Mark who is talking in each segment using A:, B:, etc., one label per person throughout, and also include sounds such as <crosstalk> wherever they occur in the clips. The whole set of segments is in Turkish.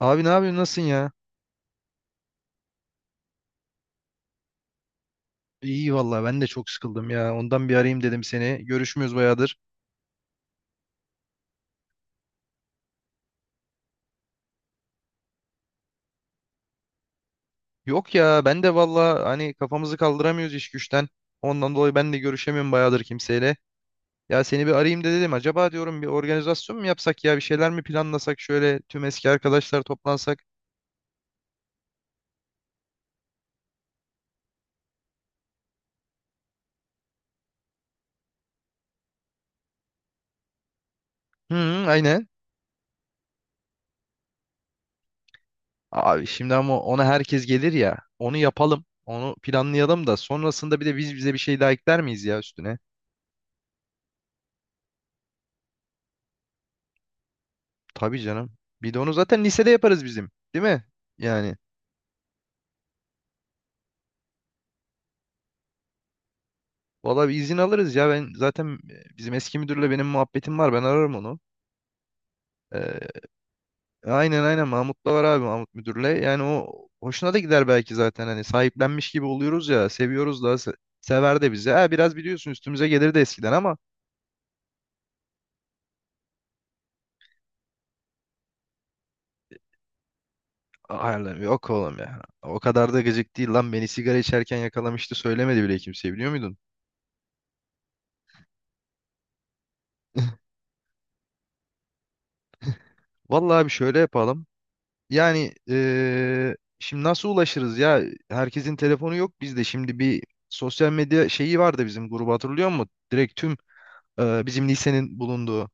A: Abi ne yapıyorsun? Nasılsın ya? İyi vallahi ben de çok sıkıldım ya. Ondan bir arayayım dedim seni. Görüşmüyoruz bayağıdır. Yok ya ben de vallahi hani kafamızı kaldıramıyoruz iş güçten. Ondan dolayı ben de görüşemiyorum bayağıdır kimseyle. Ya seni bir arayayım da dedim. Acaba diyorum bir organizasyon mu yapsak ya? Bir şeyler mi planlasak? Şöyle tüm eski arkadaşlar toplansak. Hı, hı, aynen. Abi şimdi ama ona herkes gelir ya. Onu yapalım. Onu planlayalım da sonrasında bir de biz bize bir şey daha ekler miyiz ya üstüne? Tabii canım. Bir de onu zaten lisede yaparız bizim. Değil mi? Yani. Valla bir izin alırız ya. Ben zaten bizim eski müdürle benim muhabbetim var. Ben ararım onu. Ee, aynen aynen Mahmut da var abi Mahmut müdürle. Yani o hoşuna da gider belki zaten. Hani sahiplenmiş gibi oluyoruz ya. Seviyoruz da sever de bizi. Ha, biraz biliyorsun üstümüze gelir de eskiden ama ayarlam yok oğlum ya. O kadar da gıcık değil lan. Beni sigara içerken yakalamıştı. Söylemedi bile kimseye biliyor muydun? Vallahi bir şöyle yapalım. Yani şimdi nasıl ulaşırız ya? Herkesin telefonu yok bizde. Şimdi bir sosyal medya şeyi vardı bizim grubu hatırlıyor musun? Direkt tüm bizim lisenin bulunduğu.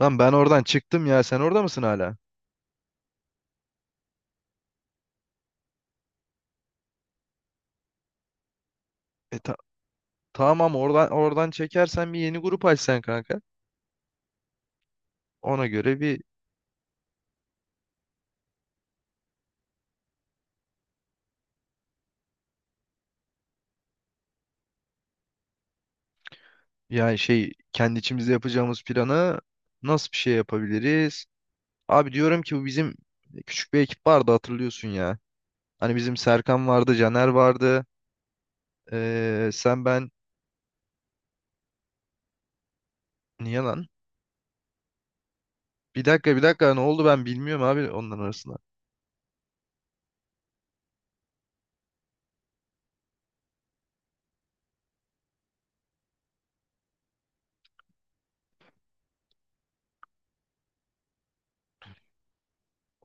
A: Lan ben oradan çıktım ya sen orada mısın hala? E ta- tamam oradan çekersen bir yeni grup açsan kanka. Ona göre bir yani şey kendi içimizde yapacağımız planı nasıl bir şey yapabiliriz? Abi diyorum ki bu bizim küçük bir ekip vardı hatırlıyorsun ya. Hani bizim Serkan vardı, Caner vardı. Sen ben. Niye lan? Bir dakika bir dakika ne oldu ben bilmiyorum abi onların arasında.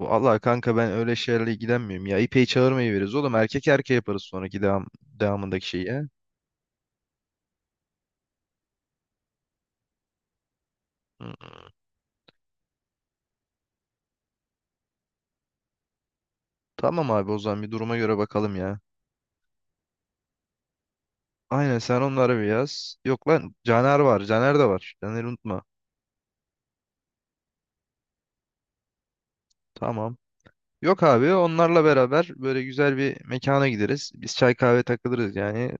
A: Vallahi kanka ben öyle şeylerle ilgilenmiyorum ya. İpeyi çağırmayı veririz oğlum. Erkek erkeğe yaparız sonraki devamındaki şeyi ya. Hı. Tamam abi o zaman bir duruma göre bakalım ya. Aynen sen onları bir yaz. Yok lan Caner var. Caner de var. Caner'i unutma. Tamam. Yok abi onlarla beraber böyle güzel bir mekana gideriz. Biz çay kahve takılırız yani.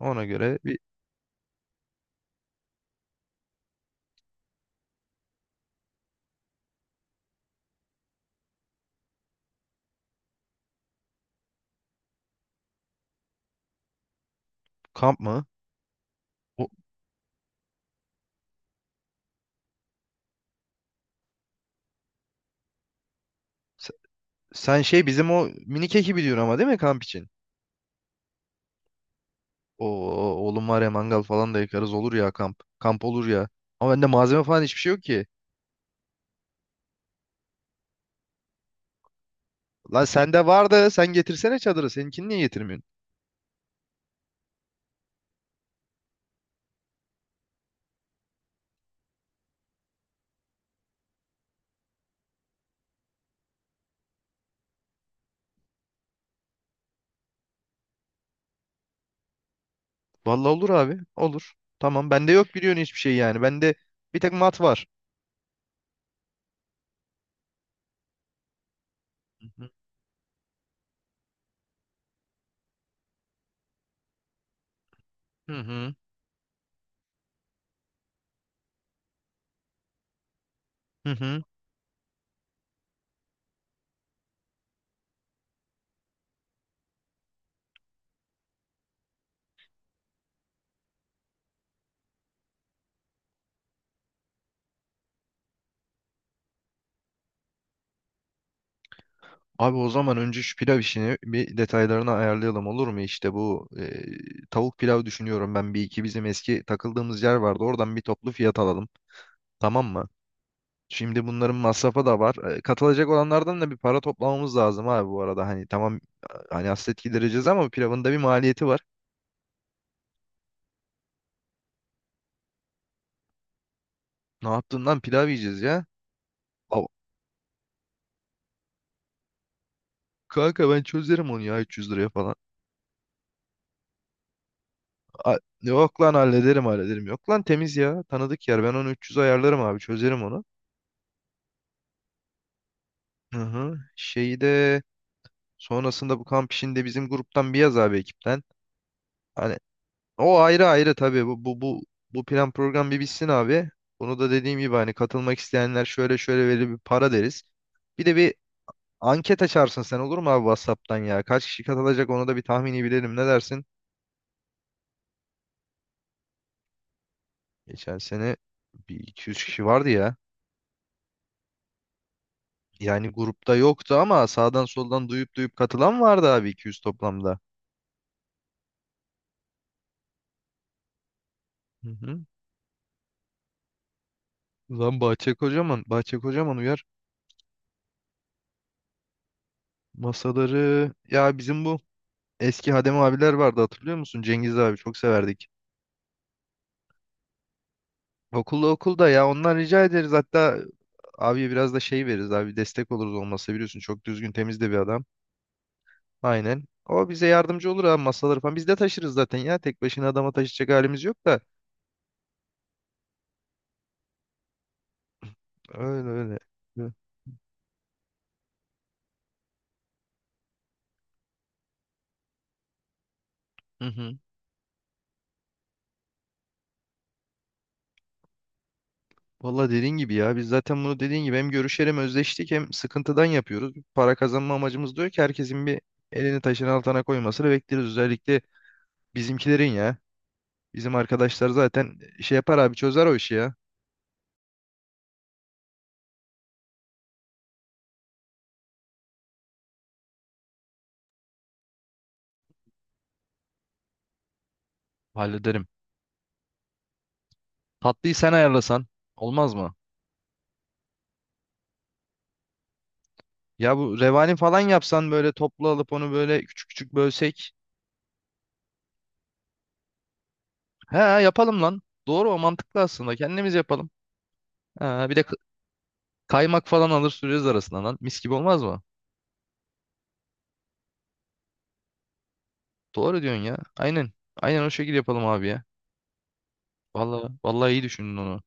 A: Ona göre bir kamp mı? O, sen sen şey bizim o minik ekibi diyorsun ama değil mi kamp için? Oo, oğlum var ya mangal falan da yakarız olur ya kamp. Kamp olur ya. Ama bende malzeme falan hiçbir şey yok ki. Lan sende vardı. Sen getirsene çadırı. Seninkini niye getirmiyorsun? Vallahi olur abi. Olur. Tamam. Bende yok biliyorsun hiçbir şey yani. Bende bir tek mat var. Hı hı. Hı hı. Hı. Abi o zaman önce şu pilav işini bir detaylarını ayarlayalım olur mu? İşte bu tavuk pilav düşünüyorum ben bir iki bizim eski takıldığımız yer vardı. Oradan bir toplu fiyat alalım. Tamam mı? Şimdi bunların masrafı da var. Katılacak olanlardan da bir para toplamamız lazım abi bu arada. Hani tamam hani hasret gidereceğiz ama pilavın da bir maliyeti var. Ne yaptığından pilav yiyeceğiz ya. Al- Kanka ben çözerim onu ya 300 liraya falan. Yok lan hallederim hallederim. Yok lan temiz ya. Tanıdık yer. Ben onu 300 ayarlarım abi. Çözerim onu. Hı hı. Şeyi de sonrasında bu kamp işinde bizim gruptan bir yaz abi ekipten. O ayrı ayrı tabii bu bu plan program bir bitsin abi. Bunu da dediğim gibi hani katılmak isteyenler şöyle şöyle verili bir para deriz. Bir de bir anket açarsın sen olur mu abi WhatsApp'tan ya? Kaç kişi katılacak onu da bir tahmini bilelim ne dersin? Geçen sene bir iki yüz kişi vardı ya. Yani grupta yoktu ama sağdan soldan duyup duyup katılan vardı abi 200 toplamda. Hı hı. Lan Bahçe Kocaman, Bahçe Kocaman uyar. Masaları ya bizim bu eski Hadem abiler vardı hatırlıyor musun? Cengiz abi çok severdik. Okulda okulda ya ondan rica ederiz. Hatta abiye biraz da şey veririz abi destek oluruz olmasa biliyorsun çok düzgün temiz de bir adam. Aynen. O bize yardımcı olur abi masaları falan. Biz de taşırız zaten ya. Tek başına adama taşıyacak halimiz yok da. Öyle öyle. Hı hı. Valla dediğin gibi ya biz zaten bunu dediğin gibi hem görüşelim hem özleştik hem sıkıntıdan yapıyoruz. Para kazanma amacımız diyor ki herkesin bir elini taşın altına koymasını bekleriz. Özellikle bizimkilerin ya. Bizim arkadaşlar zaten şey yapar abi çözer o işi ya. Hallederim. Tatlıyı sen ayarlasan olmaz mı? Ya bu revani falan yapsan böyle toplu alıp onu böyle küçük küçük bölsek. He yapalım lan. Doğru o mantıklı aslında. Kendimiz yapalım. Ha, bir de kaymak falan alır süreriz arasına lan. Mis gibi olmaz mı? Doğru diyorsun ya. Aynen. Aynen o şekilde yapalım abi ya. Vallahi, vallahi iyi düşündün onu.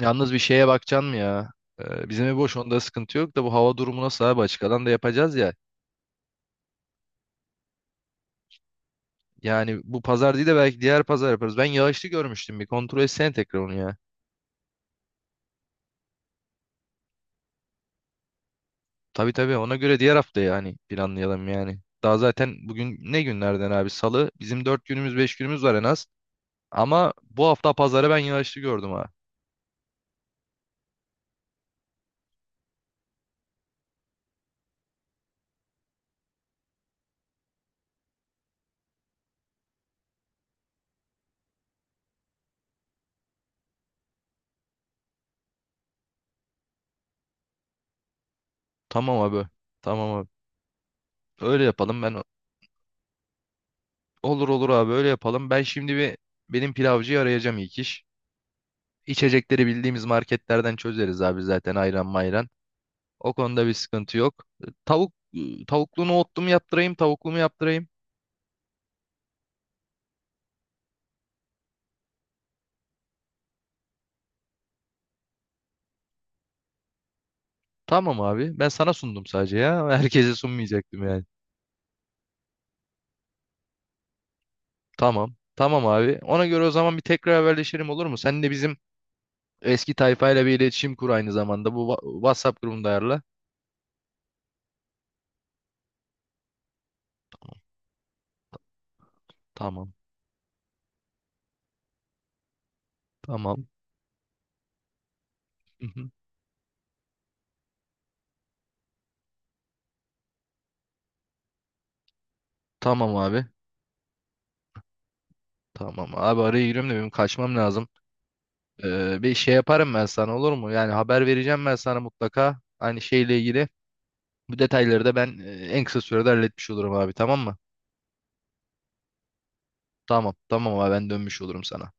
A: Yalnız bir şeye bakacaksın mı ya? Bizim ev boş onda sıkıntı yok da bu hava durumu nasıl abi açık alan da yapacağız ya. Yani bu pazar değil de belki diğer pazar yaparız. Ben yağışlı görmüştüm bir kontrol etsene tekrar onu ya. Tabii tabii ona göre diğer hafta yani planlayalım yani. Daha zaten bugün ne günlerden abi? Salı. Bizim 4 günümüz 5 günümüz var en az. Ama bu hafta pazarı ben yağışlı gördüm ha. Tamam abi. Tamam abi. Öyle yapalım ben. Olur olur abi öyle yapalım. Ben şimdi bir benim pilavcıyı arayacağım ilk iş. İçecekleri bildiğimiz marketlerden çözeriz abi zaten ayran mayran. O konuda bir sıkıntı yok. Tavuk Tavuklu nohutlu mu yaptırayım, tavuklu mu yaptırayım? Tamam abi. Ben sana sundum sadece ya. <laughs> Herkese sunmayacaktım yani. Tamam. Tamam abi. Ona göre o zaman bir tekrar haberleşelim olur mu? Sen de bizim eski tayfayla bir iletişim kur aynı zamanda. Bu WhatsApp grubunda ayarla. Tamam. Tamam. Hı hı. Tamam abi. Tamam abi araya giriyorum da benim kaçmam lazım. Bir şey yaparım ben sana olur mu? Yani haber vereceğim ben sana mutlaka. Aynı şeyle ilgili. Bu detayları da ben en kısa sürede halletmiş olurum abi tamam mı? Tamam. Tamam abi ben dönmüş olurum sana.